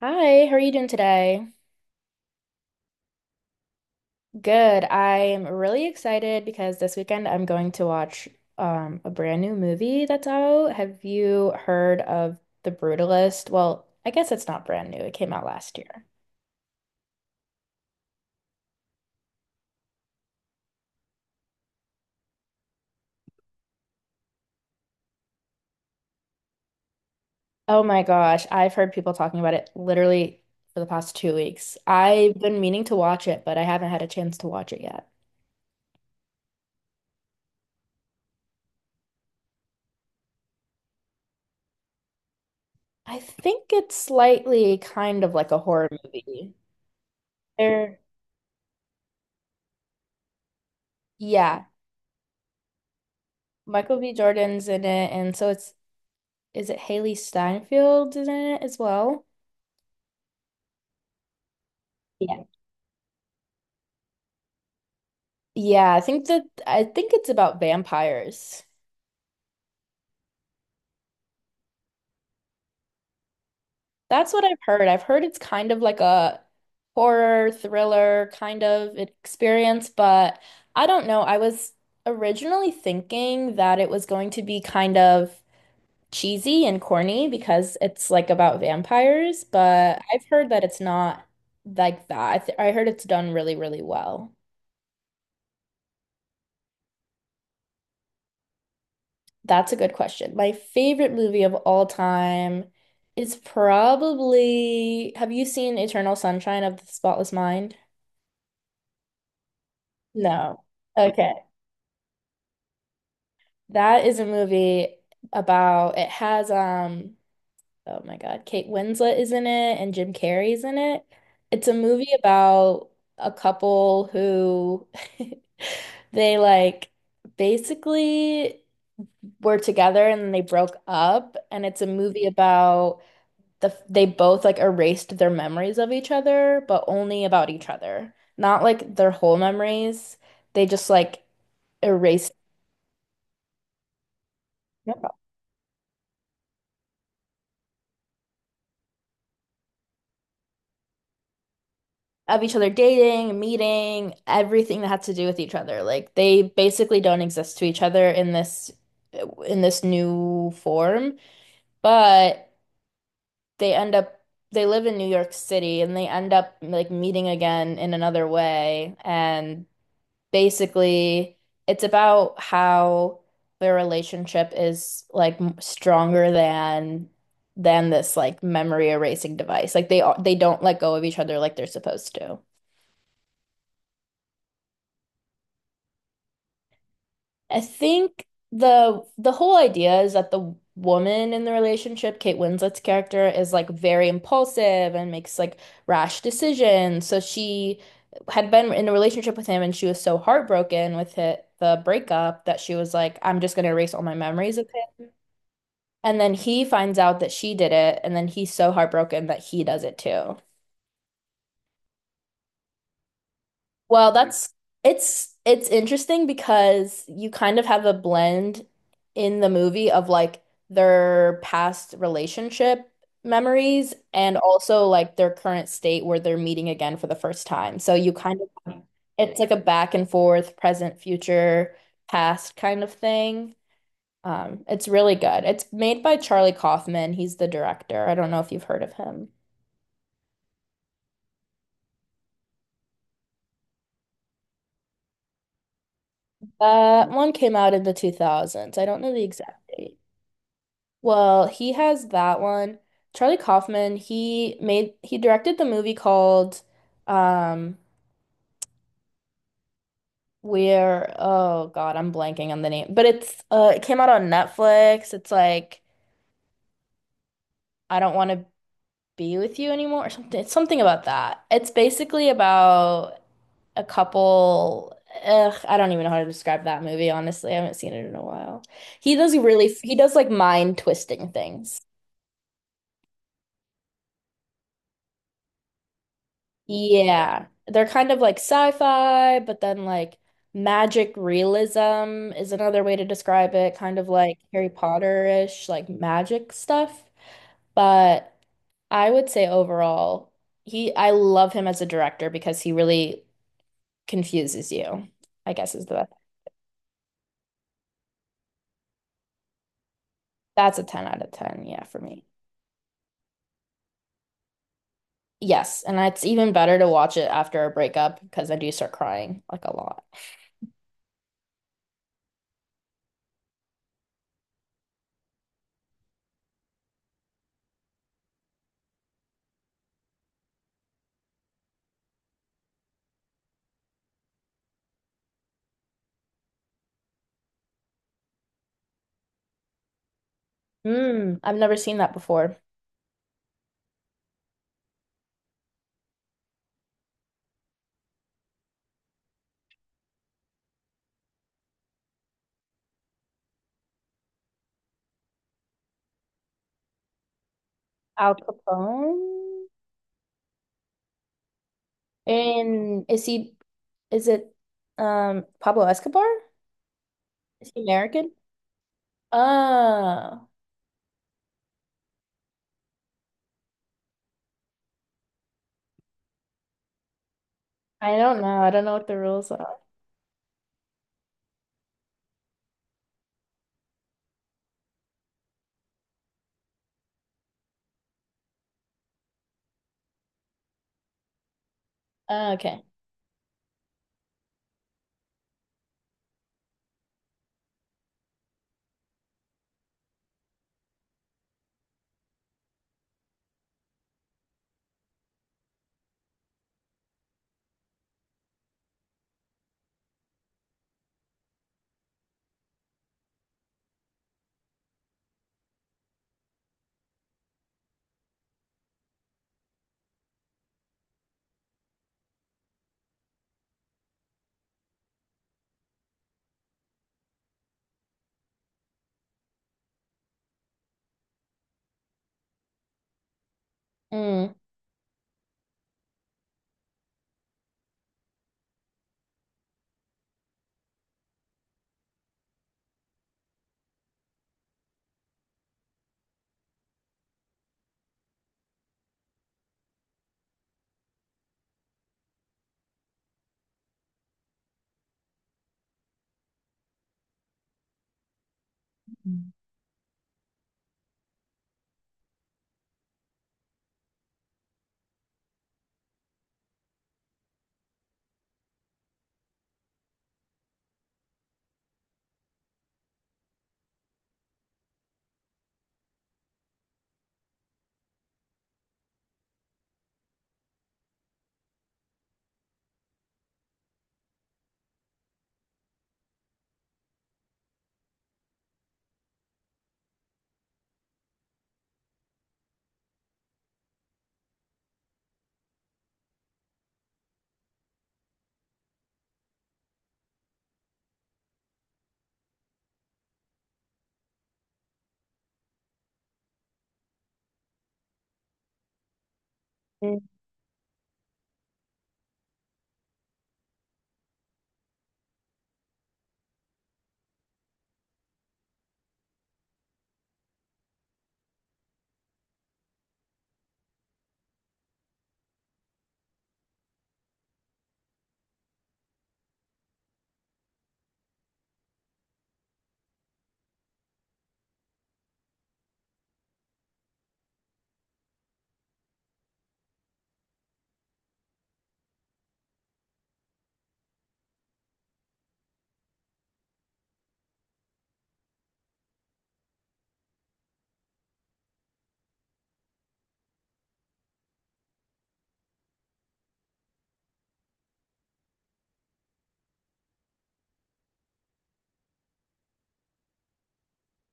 Hi, how are you doing today? Good. I'm really excited because this weekend I'm going to watch a brand new movie that's out. Have you heard of The Brutalist? Well, I guess it's not brand new. It came out last year. Oh my gosh, I've heard people talking about it literally for the past 2 weeks. I've been meaning to watch it, but I haven't had a chance to watch it yet. I think it's slightly kind of like a horror movie. There, yeah, Michael B. Jordan's in it, and so it's is it Haley Steinfeld in it as well? Yeah. Yeah, I think it's about vampires. That's what I've heard. I've heard it's kind of like a horror thriller kind of experience, but I don't know. I was originally thinking that it was going to be kind of cheesy and corny because it's like about vampires, but I've heard that it's not like that. I heard it's done really, really well. That's a good question. My favorite movie of all time is probably, have you seen Eternal Sunshine of the Spotless Mind? No. Okay. That is a movie about it has oh my God, Kate Winslet is in it and Jim Carrey's in it. It's a movie about a couple who they like basically were together and then they broke up, and it's a movie about the they both like erased their memories of each other, but only about each other. Not like their whole memories. They just like erased of each other dating, meeting, everything that had to do with each other. Like they basically don't exist to each other in this new form, but they end up they live in New York City and they end up like meeting again in another way. And basically it's about how their relationship is like m- stronger than this like memory erasing device. Like they are- they don't let go of each other like they're supposed to. I think the whole idea is that the woman in the relationship, Kate Winslet's character, is like very impulsive and makes like rash decisions. So she had been in a relationship with him and she was so heartbroken with it, the breakup, that she was like, I'm just gonna erase all my memories of him. And then he finds out that she did it, and then he's so heartbroken that he does it too. Well, that's it's interesting because you kind of have a blend in the movie of like their past relationship memories and also like their current state where they're meeting again for the first time. So you kind of it's like a back and forth, present, future, past kind of thing. It's really good. It's made by Charlie Kaufman. He's the director. I don't know if you've heard of him. That one came out in the 2000s. I don't know the exact date. Well, he has that one. Charlie Kaufman, he made he directed the movie called um where oh God, I'm blanking on the name. But it's it came out on Netflix. It's like I don't want to be with you anymore or something. It's something about that. It's basically about a couple. Ugh, I don't even know how to describe that movie, honestly. I haven't seen it in a while. He does really he does like mind twisting things. Yeah, they're kind of like sci-fi, but then like magic realism is another way to describe it, kind of like Harry Potter-ish, like magic stuff. But I would say overall, he I love him as a director because he really confuses you, I guess is the best. That's a 10 out of 10, yeah, for me. Yes, and it's even better to watch it after a breakup because I do start crying like a lot. Mm, I've never seen that before. Al Capone? And is he, is it Pablo Escobar? Is he American? Oh, I don't know. I don't know what the rules are. Oh, okay. Mm. Mm. Mm.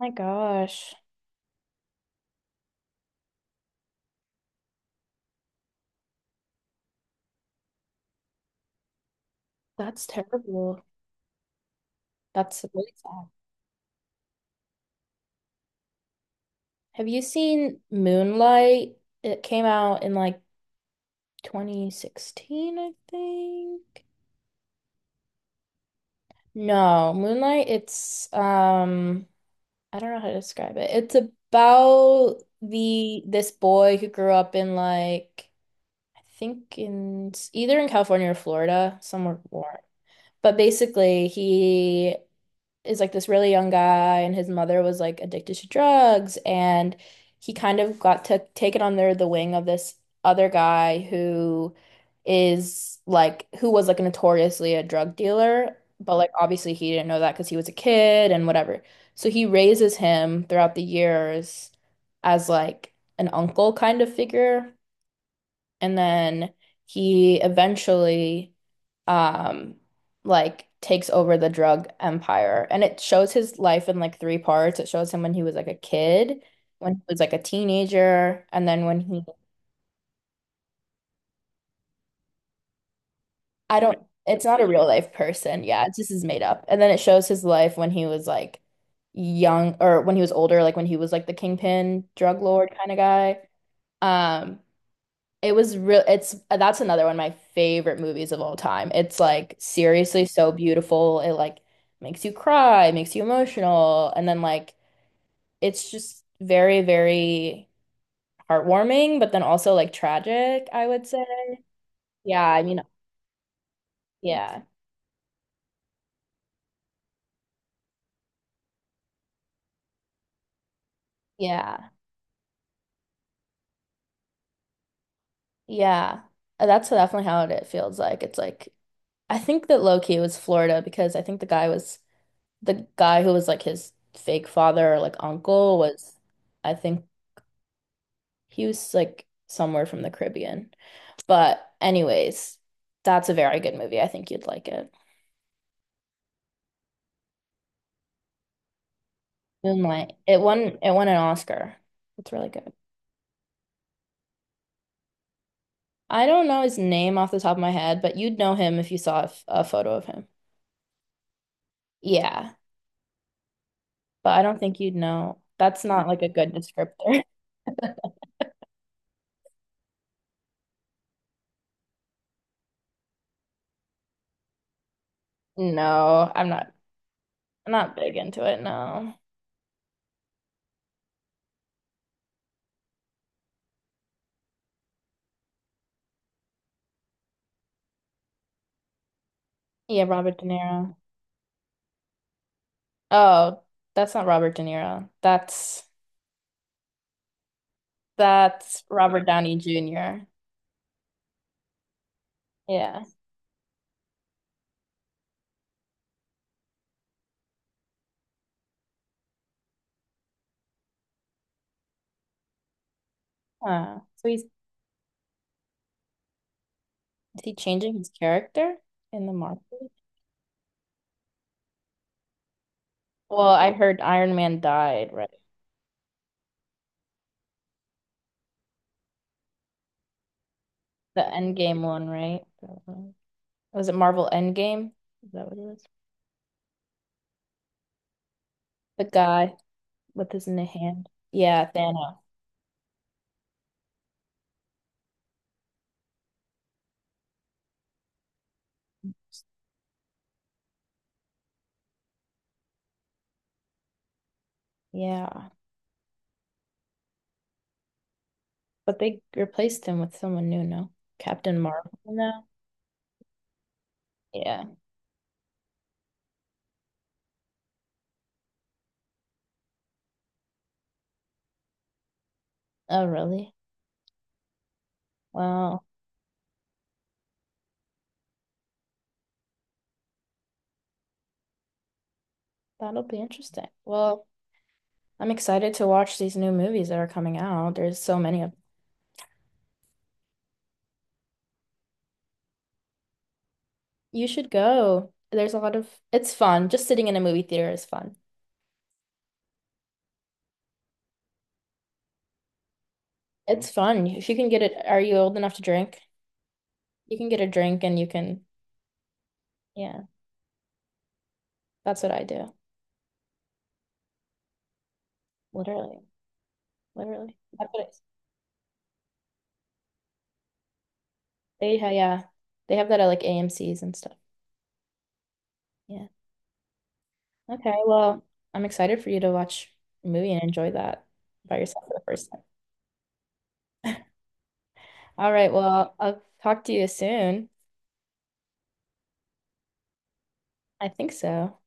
My gosh, that's terrible. That's really sad. Have you seen Moonlight? It came out in like 2016, I think. No, Moonlight, it's I don't know how to describe it. It's about the this boy who grew up in like I think in either in California or Florida, somewhere warm. But basically, he is like this really young guy, and his mother was like addicted to drugs, and he kind of got to take it under the wing of this other guy who is like who was like notoriously a drug dealer, but like obviously he didn't know that because he was a kid and whatever. So he raises him throughout the years as like an uncle kind of figure. And then he eventually um like takes over the drug empire. And it shows his life in like three parts. It shows him when he was like a kid, when he was like a teenager, and then when he I don't it's not a real life person. Yeah, it's just is made up. And then it shows his life when he was like young or when he was older, like when he was like the kingpin drug lord kind of guy. Um It was real. It's that's another one of my favorite movies of all time. It's like seriously so beautiful. It like makes you cry, it makes you emotional, and then like it's just very, very heartwarming, but then also like tragic, I would say. Yeah, I mean, yeah, yeah, yeah. That's definitely how it feels like. It's like I think that low key it was Florida because I think the guy was the guy who was like his fake father or like uncle was I think he was like somewhere from the Caribbean. But anyways, that's a very good movie. I think you'd like it. Moonlight. It won an Oscar. It's really good. I don't know his name off the top of my head, but you'd know him if you saw f- a photo of him. Yeah, but I don't think you'd know. That's not like a good descriptor. No, I'm not big into it, no. Yeah, Robert De Niro. Oh, that's not Robert De Niro. That's Robert Downey Jr. Yeah. Huh. So he's is he changing his character in the Marvel? Well, I heard Iron Man died, right? The Endgame one, right? Was it Marvel Endgame? Is that what it was? The guy with his new hand. Yeah, Thanos. Yeah. But they replaced him with someone new, no? Captain Marvel now? Yeah. Oh, really? Well, that'll be interesting. Well, I'm excited to watch these new movies that are coming out. There's so many of you should go. There's a lot of, it's fun. Just sitting in a movie theater is fun. It's fun. If you can get it, are you old enough to drink? You can get a drink and you can, yeah, that's what I do. Literally, literally. That's what it's, they, ha- yeah, they have that at like AMCs and stuff. Yeah. Okay. Well, I'm excited for you to watch a movie and enjoy that by yourself for the first time. All right. Well, I'll talk to you soon. I think so.